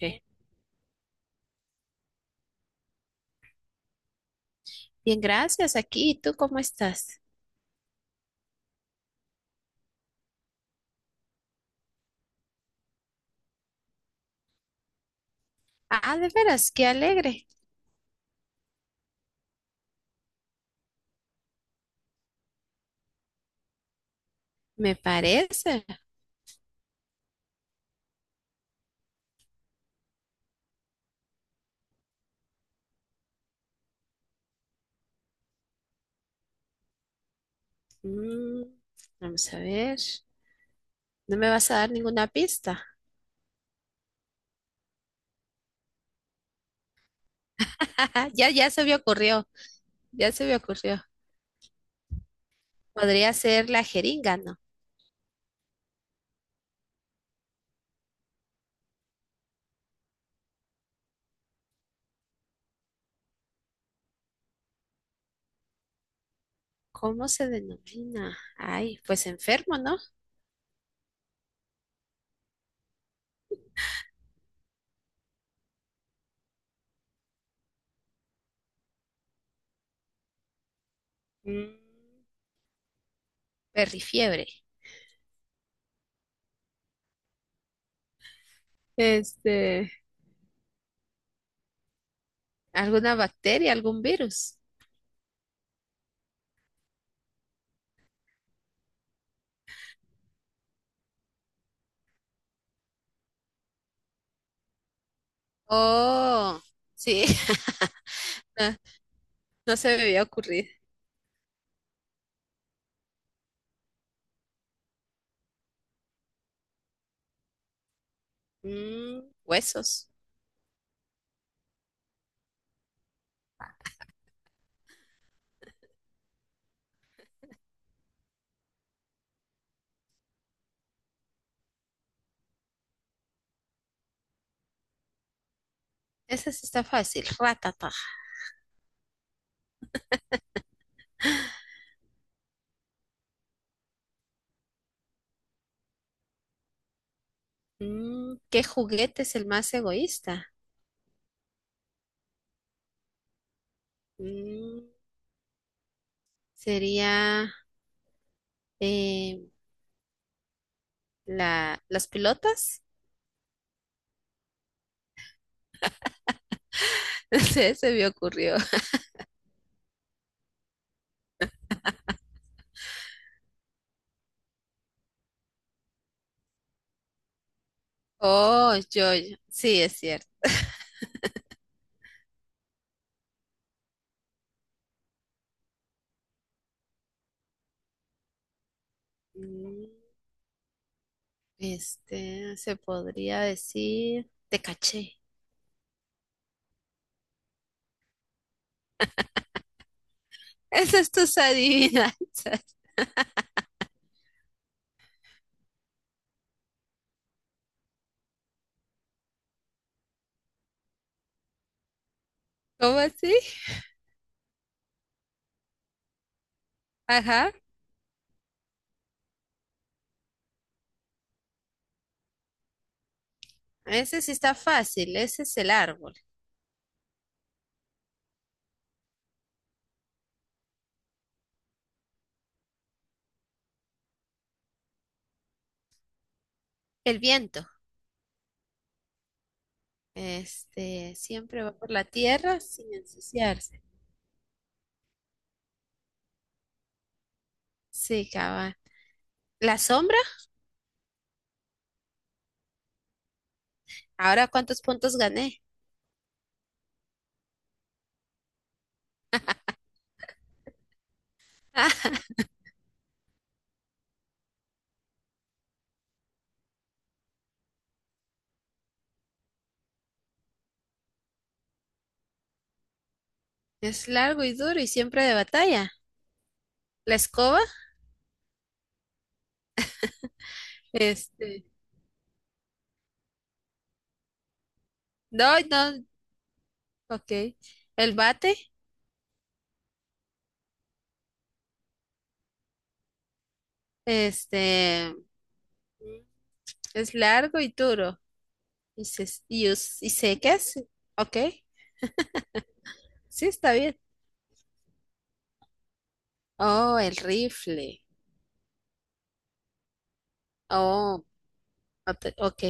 Eh, Bien, gracias. Aquí, ¿y tú cómo estás? Ah, de veras, qué alegre. Me parece. Mm, vamos a ver. ¿No me vas a dar ninguna pista? Ya se me ocurrió. Ya se me ocurrió. Podría ser la jeringa, ¿no? ¿Cómo se denomina? Ay, pues enfermo, ¿no? Mm, perrifiebre. Este, ¿alguna bacteria, algún virus? Oh, sí, no, no se me había ocurrido. Huesos. Esa sí está fácil. Ratata. ¿Qué juguete es el más egoísta? Mm, sería eh, las pilotas. Se me ocurrió. Oh, yo, yo. Sí, es cierto. Mm, Este, se podría decir, te caché. esas es tus adivinanzas. ¿Cómo así? Ajá. Ese sí está fácil. Ese es el árbol. El viento. Este, siempre va por la tierra sin ensuciarse. Sí, cabal. La sombra, ahora cuántos puntos gané. es largo y duro y siempre de batalla. La escoba, este, no, no, ok. El bate, este, es largo y duro y y secas, ok. Sí, está bien. Oh, el rifle. Oh, ok.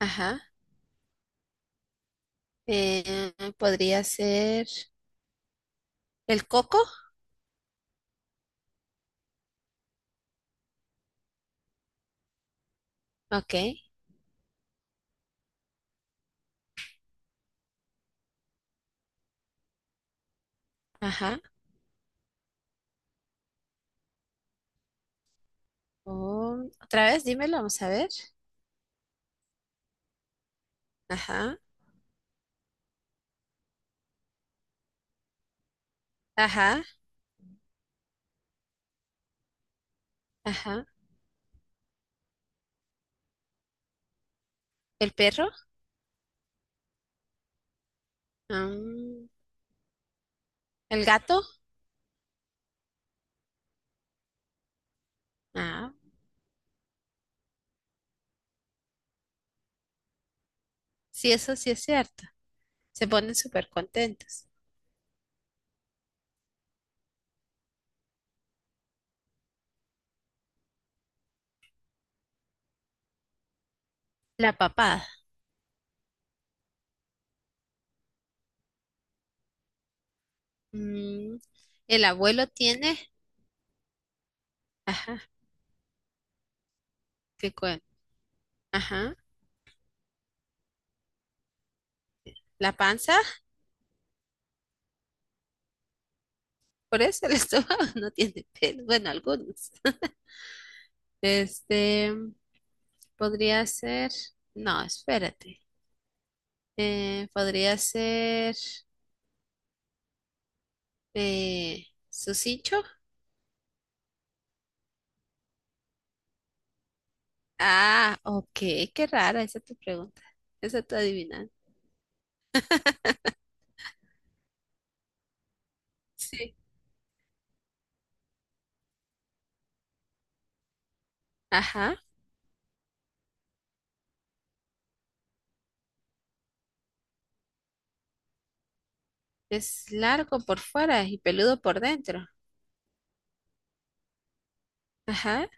Ajá. Podría ser el coco, ok. Ajá. Oh, otra vez, dímelo, vamos a ver. Ajá, ajá, ajá. ¿El perro? Ah, ¿el gato? Ah, sí, eso sí es cierto. Se ponen súper contentos. La papada. Mm, el abuelo tiene, ajá, qué cuen- ajá, la panza. Por eso el estómago no tiene pelo. Bueno, algunos. Este, mm, podría ser, no, espérate. Podría ser eh, su cincho. Ah, ok, qué rara esa tu pregunta. Esa tu adivinanza. Sí. Ajá. Es largo por fuera y peludo por dentro. Ajá,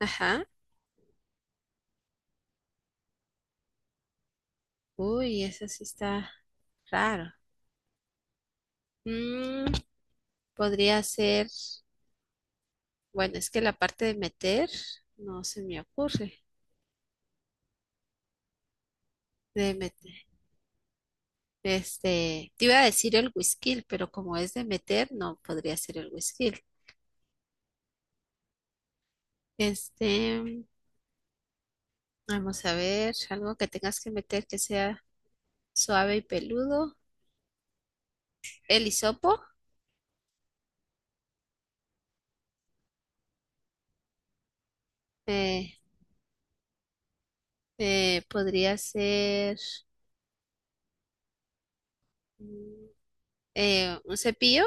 ajá. Uy, eso sí está raro. Mm, podría ser. Bueno, es que la parte de meter no se me ocurre. De meter. Este, te iba a decir el whisky, pero como es de meter, no podría ser el whisky. Este, vamos a ver, algo que tengas que meter que sea suave y peludo. El hisopo eh, podría ser mm, un cepillo.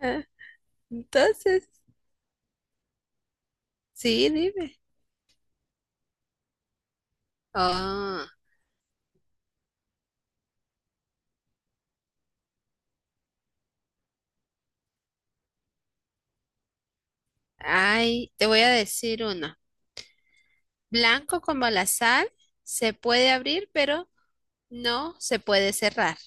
Ah, entonces, sí, dime. Oh, ay, te voy a decir uno. Blanco como la sal, se puede abrir, pero no se puede cerrar.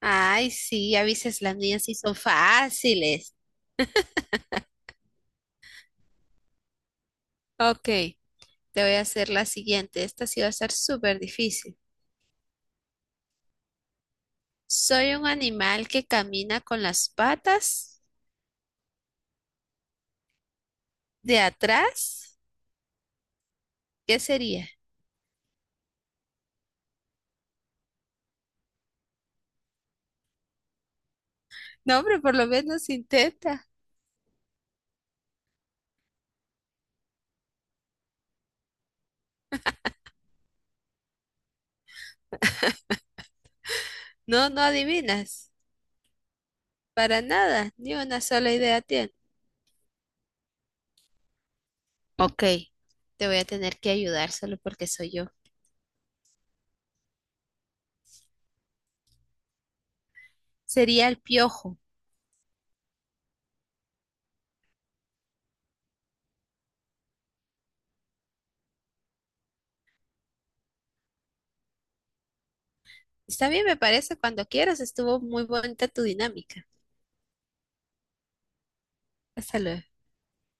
Ay, sí, a veces las mías sí son fáciles. Ok, te voy a hacer la siguiente. Esta sí va a ser súper difícil. Soy un animal que camina con las patas de atrás. ¿Qué sería? No, hombre, por lo menos intenta. No, no adivinas. Para nada, ni una sola idea tiene. Ok, te voy a tener que ayudar solo porque soy yo. Sería el piojo. Está bien, me parece, cuando quieras. Estuvo muy bonita tu dinámica. Hasta luego.